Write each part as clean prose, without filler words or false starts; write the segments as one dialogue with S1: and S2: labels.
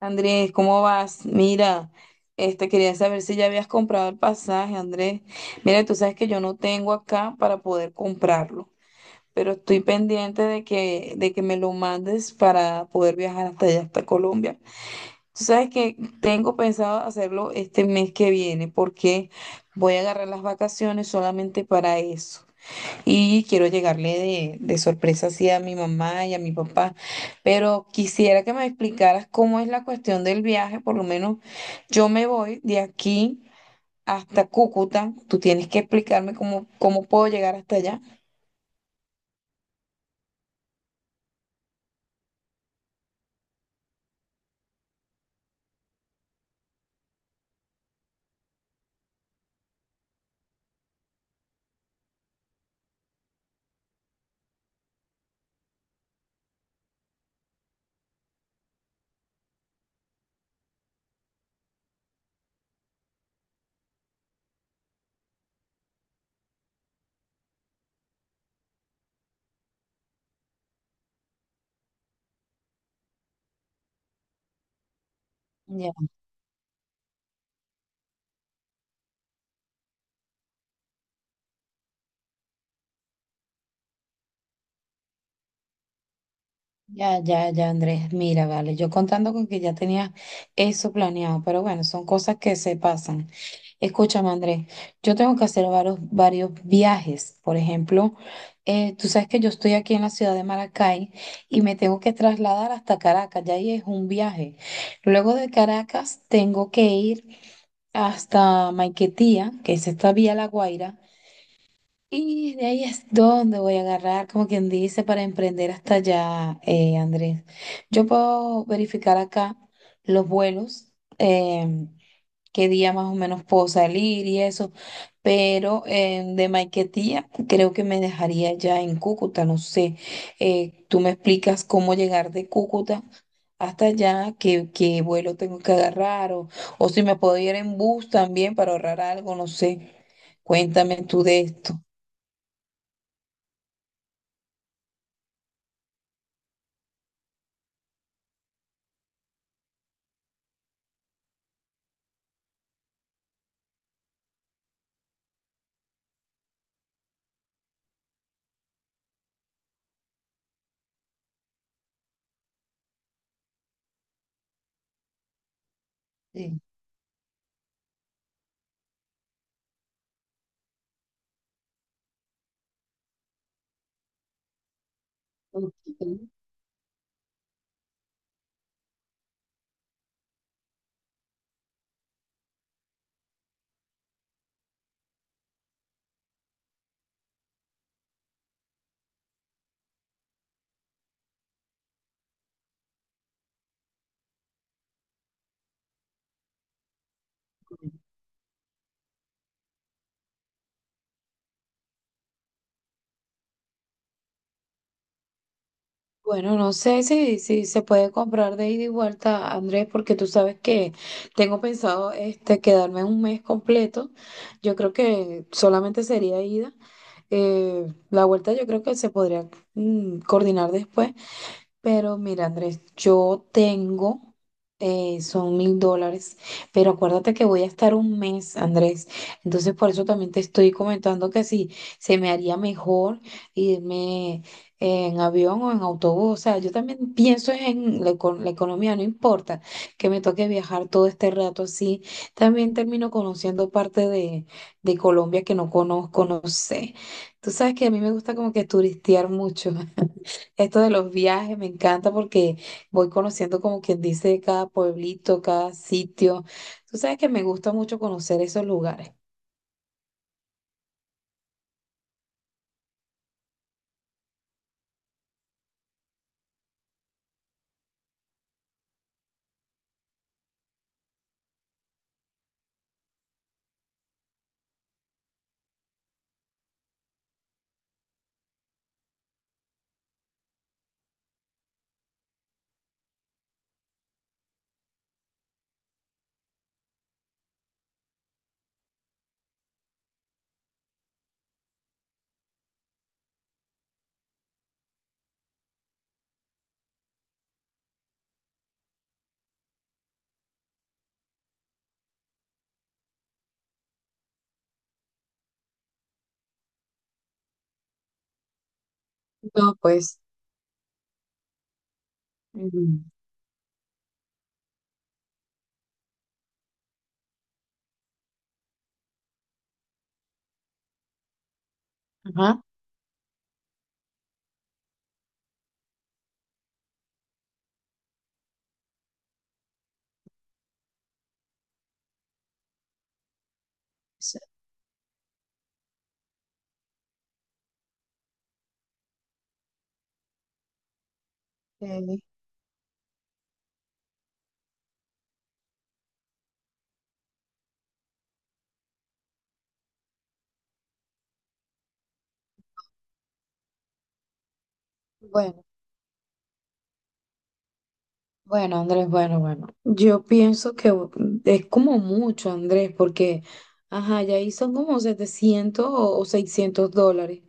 S1: Andrés, ¿cómo vas? Mira, este quería saber si ya habías comprado el pasaje, Andrés. Mira, tú sabes que yo no tengo acá para poder comprarlo, pero estoy pendiente de que me lo mandes para poder viajar hasta allá, hasta Colombia. Tú sabes que tengo pensado hacerlo este mes que viene, porque voy a agarrar las vacaciones solamente para eso y quiero llegarle de sorpresa así a mi mamá y a mi papá. Pero quisiera que me explicaras cómo es la cuestión del viaje, por lo menos yo me voy de aquí hasta Cúcuta, tú tienes que explicarme cómo puedo llegar hasta allá. Ya, ya, ya, ya, Andrés, mira, vale, yo contando con que ya tenía eso planeado, pero bueno, son cosas que se pasan. Escúchame, Andrés, yo tengo que hacer varios viajes. Por ejemplo, tú sabes que yo estoy aquí en la ciudad de Maracay y me tengo que trasladar hasta Caracas, ya ahí es un viaje. Luego de Caracas tengo que ir hasta Maiquetía, que es esta vía La Guaira, y de ahí es donde voy a agarrar, como quien dice, para emprender hasta allá, Andrés. Yo puedo verificar acá los vuelos. em, Qué día más o menos puedo salir y eso, pero de Maiquetía creo que me dejaría ya en Cúcuta, no sé, tú me explicas cómo llegar de Cúcuta hasta allá, qué vuelo tengo que agarrar o si me puedo ir en bus también para ahorrar algo, no sé, cuéntame tú de esto. Sí. Ok. Bueno, no sé si se puede comprar de ida y vuelta, Andrés, porque tú sabes que tengo pensado este, quedarme un mes completo. Yo creo que solamente sería ida. La vuelta yo creo que se podría coordinar después. Pero mira, Andrés, yo tengo, son $1000, pero acuérdate que voy a estar un mes, Andrés. Entonces, por eso también te estoy comentando que si se me haría mejor irme en avión o en autobús. O sea, yo también pienso en la economía, no importa que me toque viajar todo este rato así. También termino conociendo parte de Colombia que no conozco, no sé. Tú sabes que a mí me gusta como que turistear mucho. Esto de los viajes me encanta porque voy conociendo como quien dice cada pueblito, cada sitio. Tú sabes que me gusta mucho conocer esos lugares. No, pues. Ujú. Ajá. Sí, eh, bueno. Bueno, Andrés, bueno, bueno. Yo pienso que es como mucho, Andrés, porque, ajá, ya ahí son como 700 o $600,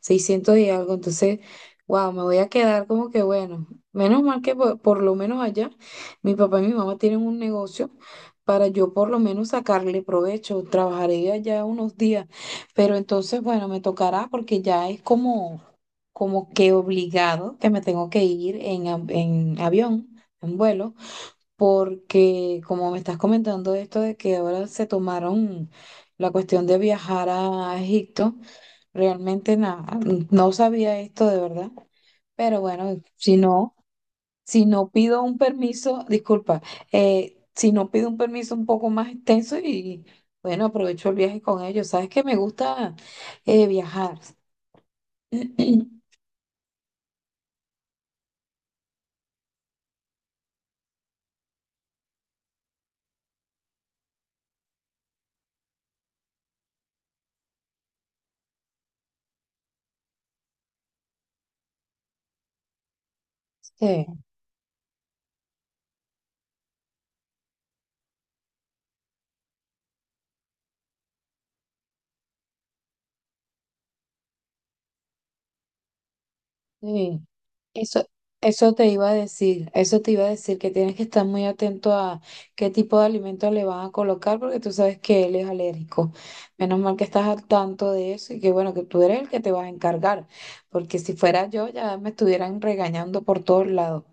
S1: 600 y algo. Entonces, wow, me voy a quedar como que, bueno, menos mal que por lo menos allá mi papá y mi mamá tienen un negocio para yo por lo menos sacarle provecho. Trabajaré allá unos días, pero entonces, bueno, me tocará porque ya es como, como que obligado que me tengo que ir en avión en vuelo, porque como me estás comentando esto de que ahora se tomaron la cuestión de viajar a Egipto, realmente nada, no sabía esto de verdad, pero bueno, si no, si no pido un permiso, disculpa, si no pido un permiso un poco más extenso y bueno, aprovecho el viaje con ellos, sabes que me gusta viajar. Sí. Sí, eso, eso te iba a decir, eso te iba a decir que tienes que estar muy atento a qué tipo de alimentos le van a colocar porque tú sabes que él es alérgico. Menos mal que estás al tanto de eso y que bueno, que tú eres el que te vas a encargar, porque si fuera yo ya me estuvieran regañando por todos lados.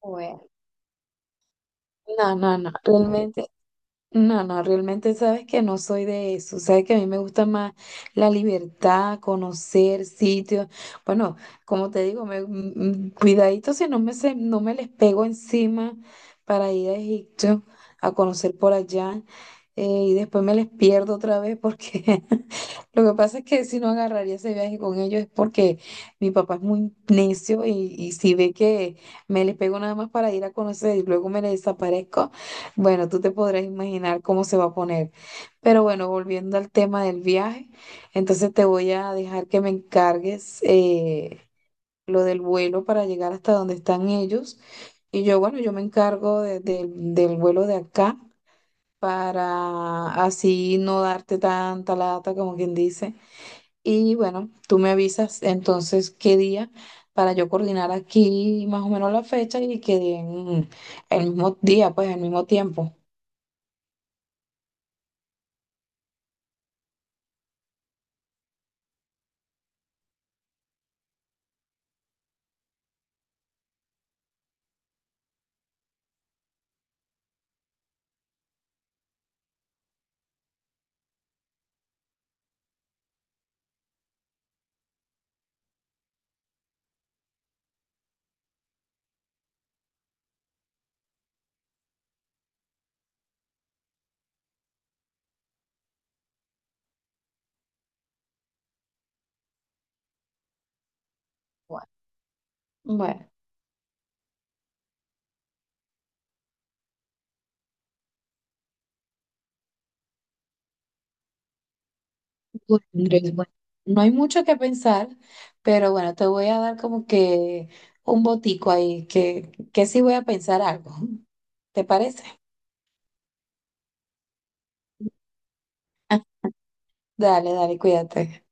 S1: Bueno, no, no, no, bueno, realmente. No, no, realmente sabes que no soy de eso. Sabes que a mí me gusta más la libertad, conocer sitios. Bueno, como te digo, cuidadito si no no me les pego encima para ir a Egipto a conocer por allá. Eh, y después me les pierdo otra vez porque lo que pasa es que si no agarraría ese viaje con ellos es porque mi papá es muy necio y si ve que me les pego nada más para ir a conocer y luego me les desaparezco. Bueno, tú te podrás imaginar cómo se va a poner. Pero bueno, volviendo al tema del viaje, entonces te voy a dejar que me encargues lo del vuelo para llegar hasta donde están ellos. Y yo, bueno, yo me encargo del vuelo de acá para así no darte tanta lata, como quien dice. Y bueno, tú me avisas entonces qué día para yo coordinar aquí más o menos la fecha y que den el mismo día, pues el mismo tiempo. Bueno, bueno, Andrés, bueno, no hay mucho que pensar, pero bueno, te voy a dar como que un botico ahí, que sí voy a pensar algo. ¿Te parece? Dale, dale, cuídate.